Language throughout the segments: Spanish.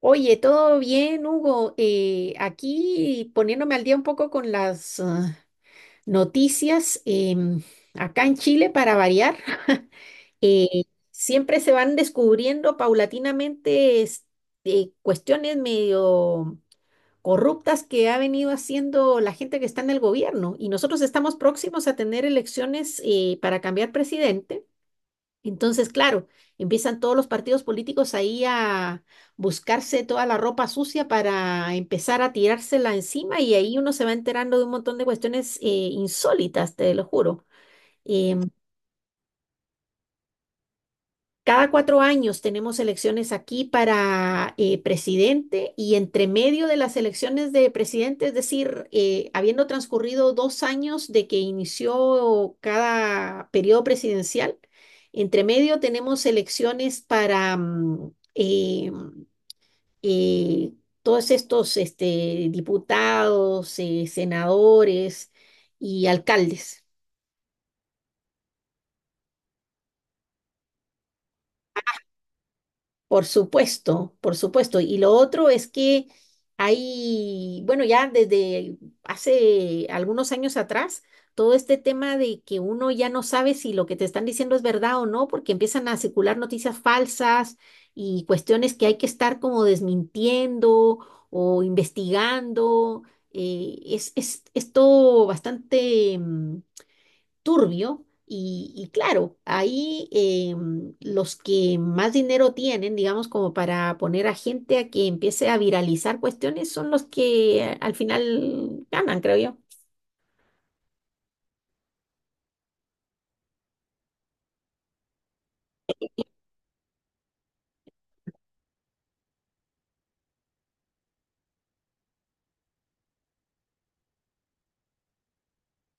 Oye, todo bien, Hugo. Aquí poniéndome al día un poco con las noticias acá en Chile para variar. eh, siempre se van descubriendo paulatinamente cuestiones medio corruptas que ha venido haciendo la gente que está en el gobierno. Y nosotros estamos próximos a tener elecciones para cambiar presidente. Entonces, claro, empiezan todos los partidos políticos ahí a buscarse toda la ropa sucia para empezar a tirársela encima, y ahí uno se va enterando de un montón de cuestiones insólitas, te lo juro. Em, Cada 4 años tenemos elecciones aquí para presidente, y entre medio de las elecciones de presidente, es decir, habiendo transcurrido 2 años de que inició cada periodo presidencial, entre medio tenemos elecciones para eh, todos estos diputados, senadores y alcaldes. Por supuesto, por supuesto. Y lo otro es que hay, bueno, ya desde hace algunos años atrás, todo este tema de que uno ya no sabe si lo que te están diciendo es verdad o no, porque empiezan a circular noticias falsas y cuestiones que hay que estar como desmintiendo o investigando. Es todo bastante, turbio. Y claro, ahí los que más dinero tienen, digamos, como para poner a gente a que empiece a viralizar cuestiones, son los que al final ganan, creo yo.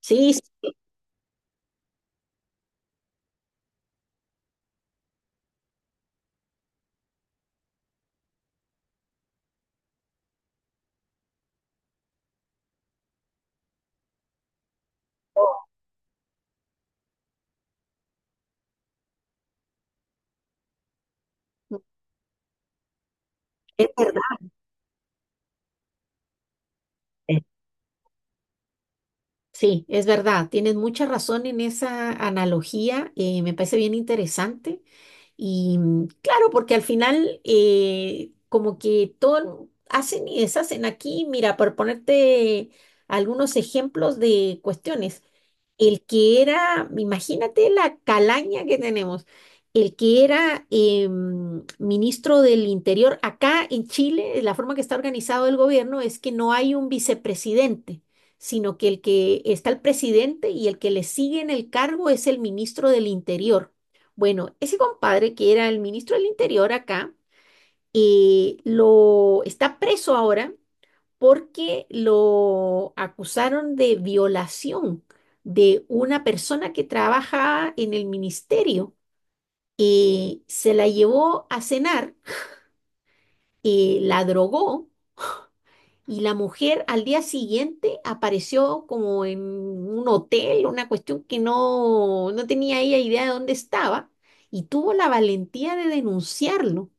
Sí, sí, es verdad. eh, Sí, es verdad. Tienes mucha razón en esa analogía. Me parece bien interesante. Y claro, porque al final como que todo hacen y deshacen aquí, mira, por ponerte algunos ejemplos de cuestiones. El que era, imagínate la calaña que tenemos, el que era ministro del Interior acá en Chile. La forma que está organizado el gobierno es que no hay un vicepresidente, sino que el que está el presidente y el que le sigue en el cargo es el ministro del Interior. Bueno, ese compadre que era el ministro del Interior acá, lo está preso ahora porque lo acusaron de violación de una persona que trabaja en el ministerio. Se la llevó a cenar, la drogó, y la mujer al día siguiente apareció como en un hotel, una cuestión que no, no tenía ella idea de dónde estaba, y tuvo la valentía de denunciarlo.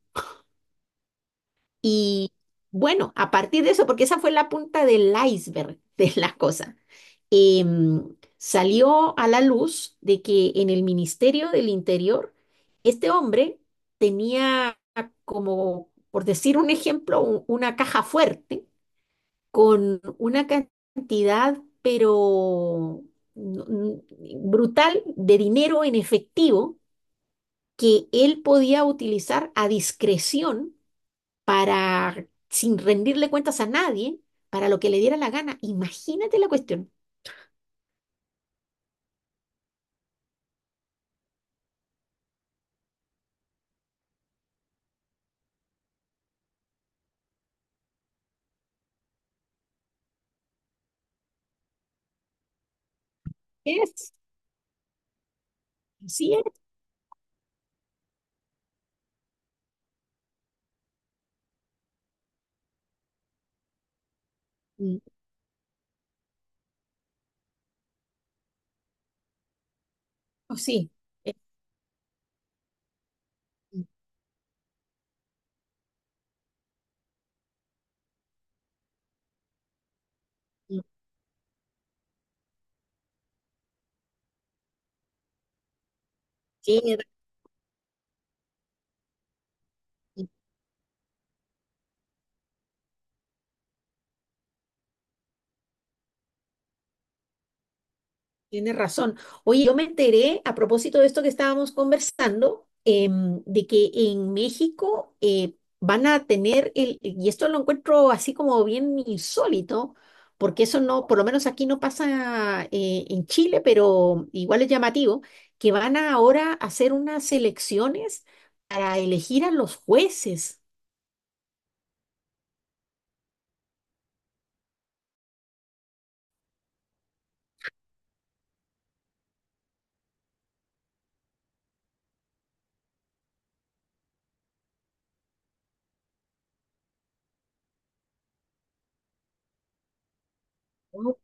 Y bueno, a partir de eso, porque esa fue la punta del iceberg de la cosa, salió a la luz de que en el Ministerio del Interior, este hombre tenía, como, por decir un ejemplo, una caja fuerte con una cantidad, pero no- n- brutal, de dinero en efectivo que él podía utilizar a discreción para, sin rendirle cuentas a nadie, para lo que le diera la gana. Imagínate la cuestión. Es, sí, es, mm, o sí. eh, mm, mm, sí. Tienes razón. Oye, yo me enteré a propósito de esto que estábamos conversando, de que en México van a tener y esto lo encuentro así como bien insólito, porque eso no, por lo menos aquí no pasa en Chile, pero igual es llamativo, que van a ahora hacer unas elecciones para elegir a los jueces. Wow.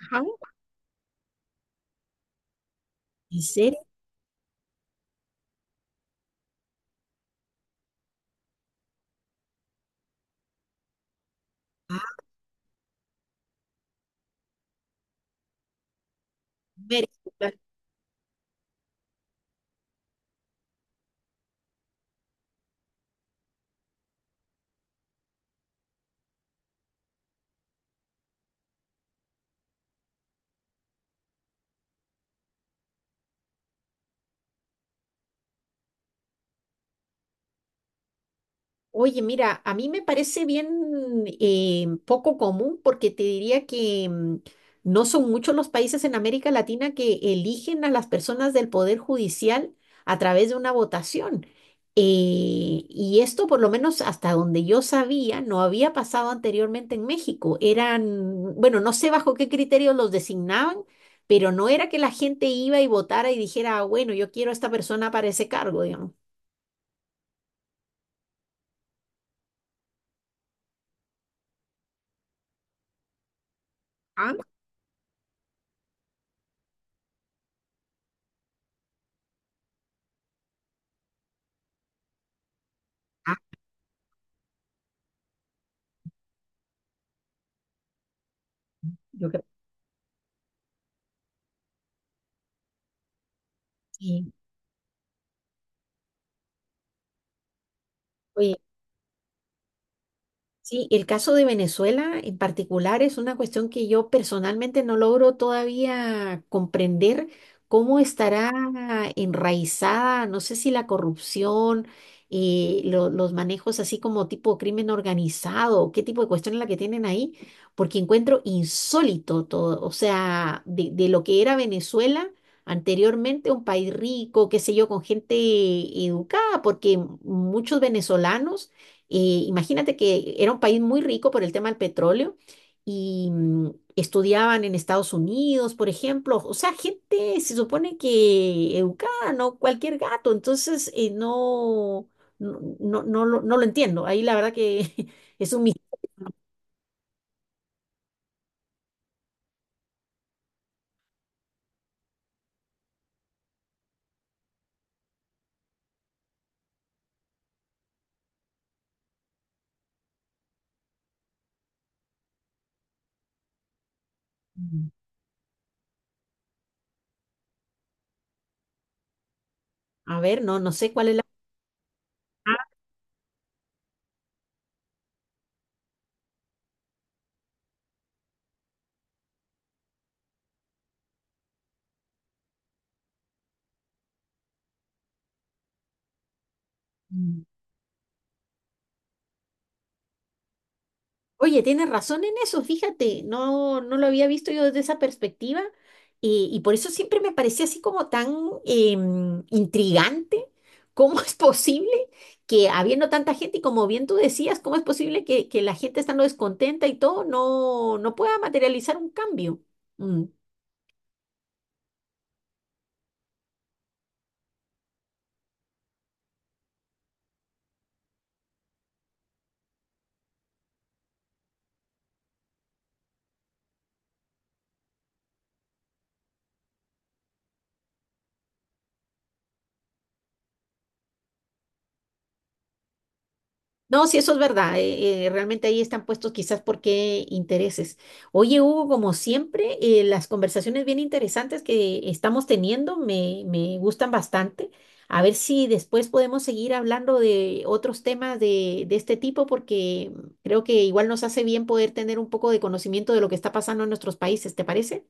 Ajá. ¿En serio? Ah, mira. Oye, mira, a mí me parece bien poco común, porque te diría que no son muchos los países en América Latina que eligen a las personas del Poder Judicial a través de una votación. Y esto, por lo menos hasta donde yo sabía, no había pasado anteriormente en México. Eran, bueno, no sé bajo qué criterios los designaban, pero no era que la gente iba y votara y dijera, "Ah, bueno, yo quiero a esta persona para ese cargo, digamos". Ah, Ah, yo creo que sí. Oye, sí, el caso de Venezuela en particular es una cuestión que yo personalmente no logro todavía comprender cómo estará enraizada, no sé si la corrupción, los manejos así como tipo crimen organizado, qué tipo de cuestión es la que tienen ahí, porque encuentro insólito todo, o sea, de lo que era Venezuela. Anteriormente un país rico, qué sé yo, con gente educada, porque muchos venezolanos imagínate que era un país muy rico por el tema del petróleo, y estudiaban en Estados Unidos, por ejemplo. O sea, gente se supone que educada, no cualquier gato. Entonces, no, no, no, no lo entiendo. Ahí la verdad que es un misterio. A ver, no, no sé cuál es la... Ah. Oye, tienes razón en eso, fíjate, no, no lo había visto yo desde esa perspectiva, y por eso siempre me parecía así como tan intrigante, cómo es posible que habiendo tanta gente y como bien tú decías, cómo es posible que la gente estando descontenta y todo no, no pueda materializar un cambio. Mm. No, sí, eso es verdad. Realmente ahí están puestos quizás por qué intereses. Oye, Hugo, como siempre, las conversaciones bien interesantes que estamos teniendo me gustan bastante. A ver si después podemos seguir hablando de otros temas de este tipo, porque creo que igual nos hace bien poder tener un poco de conocimiento de lo que está pasando en nuestros países, ¿te parece?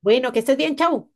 Bueno, que estés bien, chau.